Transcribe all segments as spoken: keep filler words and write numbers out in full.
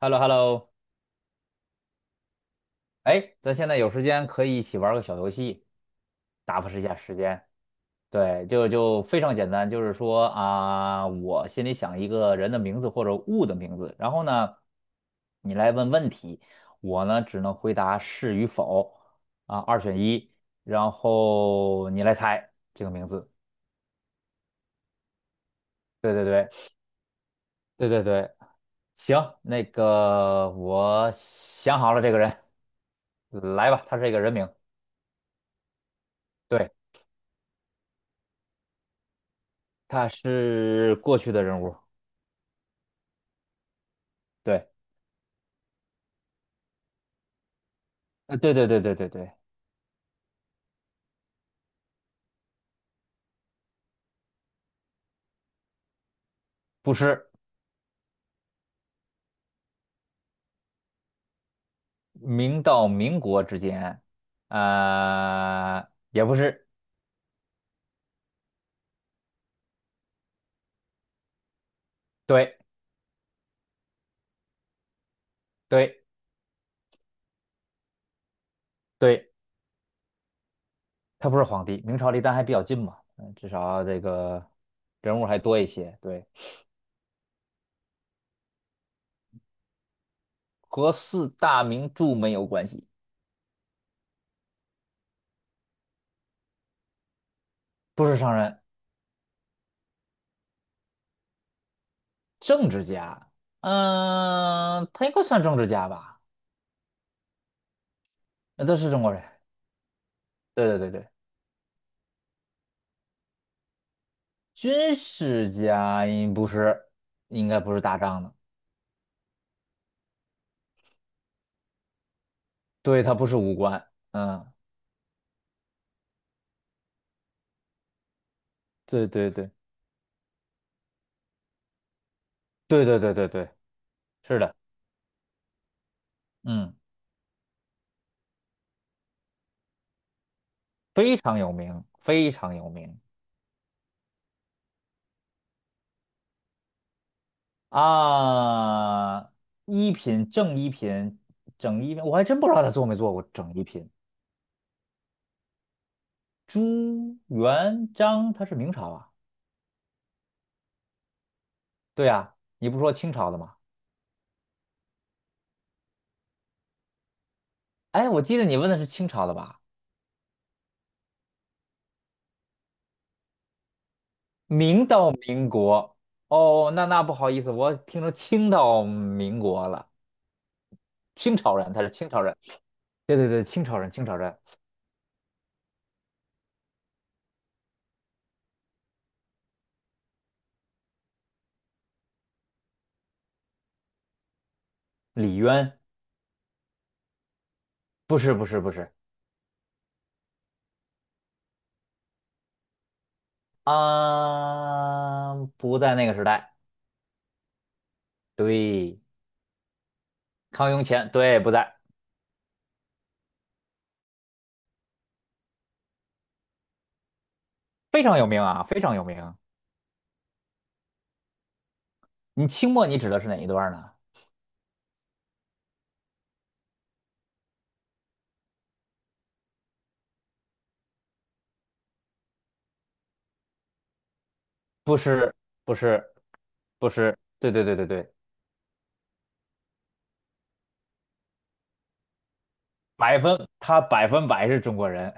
h e l l o h e l l o. 哎，咱现在有时间可以一起玩个小游戏，打发一下时间。对，就就非常简单，就是说啊，我心里想一个人的名字或者物的名字，然后呢，你来问问题，我呢只能回答是与否啊，二选一，然后你来猜这个名字。对对对对对对，行，那个我想好了这个人，来吧，他是一个人名。对。他是过去的人物，对，呃，对对对对对对，不是明到民国之间，呃，也不是，对对对，他不是皇帝，明朝离咱还比较近嘛，嗯，至少这个人物还多一些，对，和四大名著没有关系，不是商人，政治家，嗯、他应该算政治家吧，那都是中国人，对对对对，军事家应不是，应该不是打仗的。对，它不是无官，嗯，对对对对对对对对，是的，嗯，非常有名，非常有名啊！一品正一品整一品，我还真不知道他做没做过整一品。朱元璋他是明朝啊？对啊，你不说清朝的吗？哎，我记得你问的是清朝的吧？明到民国，哦，那那不好意思，我听说清到民国了。清朝人，他是清朝人。对对对，清朝人，清朝人，李渊不是不是不是，啊，不在那个时代。对，康雍乾，对，不在，非常有名啊，非常有名。你清末你指的是哪一段呢？不是不是不是，对对对对对，百分他百分百是中国人，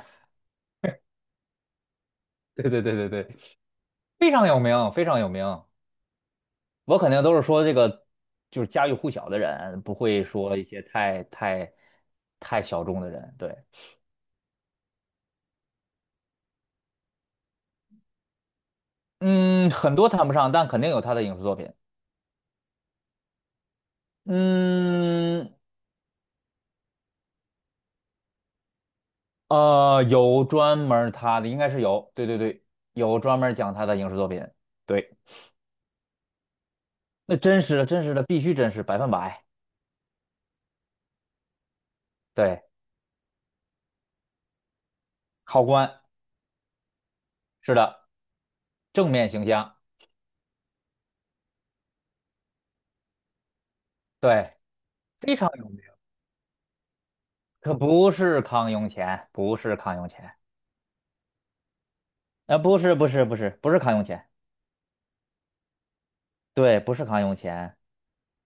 对对对对对，非常有名，非常有名。我肯定都是说这个就是家喻户晓的人，不会说一些太太太小众的人。对，嗯，很多谈不上，但肯定有他的影视作品。嗯，呃，有专门儿他的，应该是有，对对对，有专门儿讲他的影视作品，对，那真实的，真实的，必须真实，百分百，对，考官，是的，正面形象，对，非常有名，可不是康雍乾，不是康雍乾，呃，不是，不是，不是，不是康雍乾，对，不是康雍乾，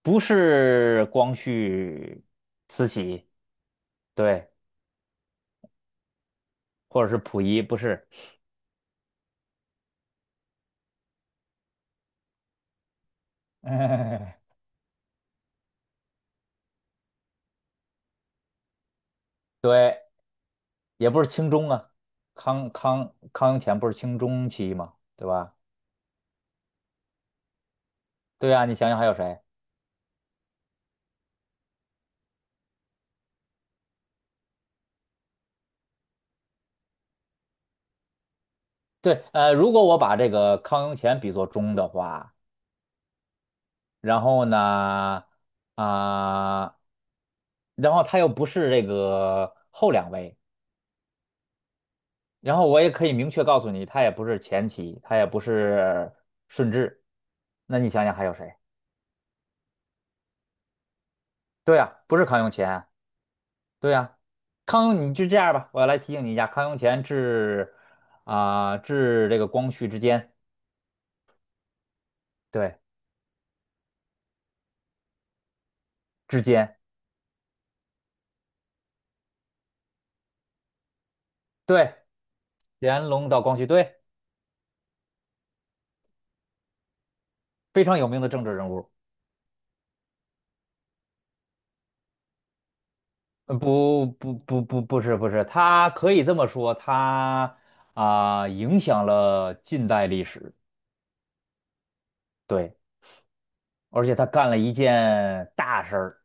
不是光绪、慈禧，对，或者是溥仪，不是，对。也不是清中啊，康康康雍乾不是清中期吗？对吧？对啊，你想想还有谁？对，呃，如果我把这个康雍乾比作中的话，然后呢，啊、然后他又不是这个后两位，然后我也可以明确告诉你，他也不是前期，他也不是顺治，那你想想还有谁？对啊，不是康雍乾，对呀、康雍，你就这样吧，我来提醒你一下，康雍乾至啊、至这个光绪之间，对，之间，对，乾隆到光绪，对，非常有名的政治人物。呃不不不不不是不是，他可以这么说，他啊、影响了近代历史，对，而且他干了一件大事儿，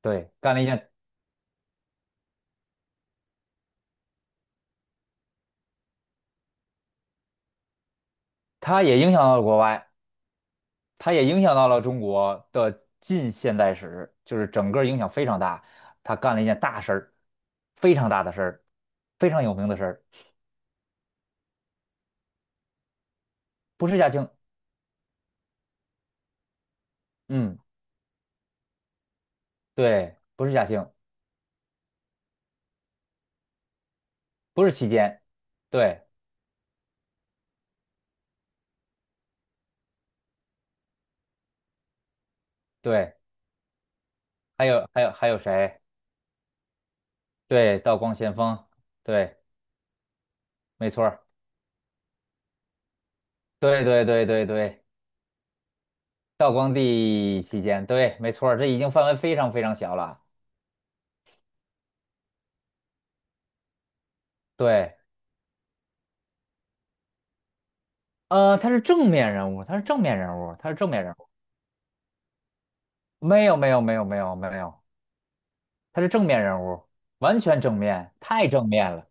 对，干了一件，他也影响到了国外。他也影响到了中国的近现代史，就是整个影响非常大。他干了一件大事儿，非常大的事儿，非常有名的事儿，不是嘉庆，嗯，对，不是嘉庆，不是期间，对对，还有还有还有谁？对，道光咸丰，对，没错儿对对对对对，道光帝期间，对，没错儿这已经范围非常非常小了，对。呃，他是正面人物，他是正面人物，他是正面人物。没有，没有，没有，没有，没有，他是正面人物，完全正面，太正面了。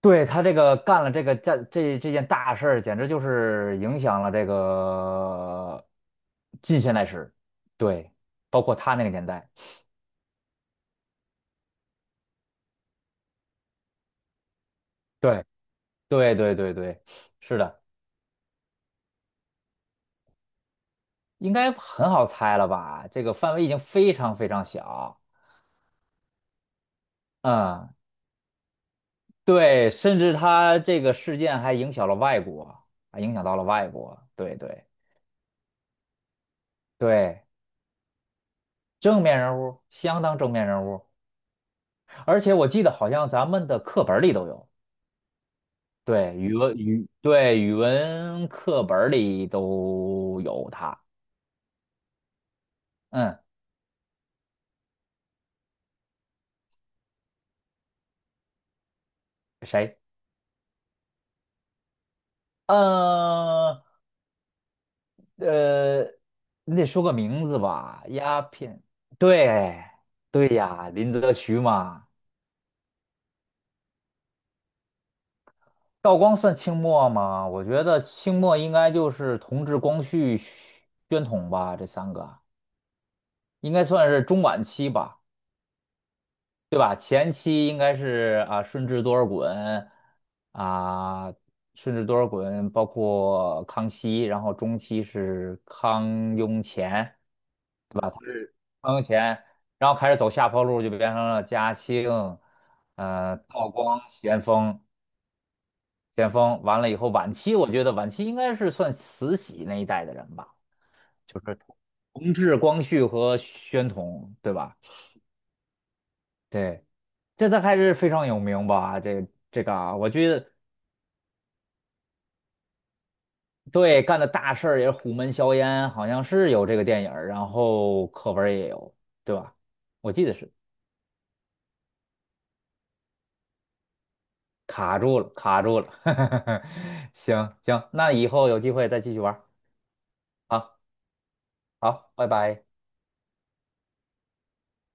对，他这个干了这个这这这件大事儿，简直就是影响了这个近现代史，对，包括他那个年代，对，对对对对，是的，应该很好猜了吧？这个范围已经非常非常小，嗯，对，甚至他这个事件还影响了外国，还影响到了外国，对对对，正面人物，相当正面人物。而且我记得好像咱们的课本里都有，对，语文语对，语文课本里都有他。嗯，谁？呃呃，你得说个名字吧。鸦片，对对呀，林则徐嘛。道光算清末吗？我觉得清末应该就是同治、光绪、宣统吧，这三个应该算是中晚期吧。对吧？前期应该是啊，顺治多尔衮啊，顺治多尔衮，包括康熙，然后中期是康雍乾，对吧？他是康雍乾，然后开始走下坡路，就变成了嘉庆，呃，道光、咸丰、咸丰，完了以后，晚期我觉得晚期应该是算慈禧那一代的人吧，就是同治、光绪和宣统，对吧？对。这他还是非常有名吧？这这个啊，我觉得对，干的大事儿也是虎门销烟，好像是有这个电影儿然后课文儿也有，对吧？我记得是卡住了，卡住了。行行，那以后有机会再继续玩儿。好，好，拜拜。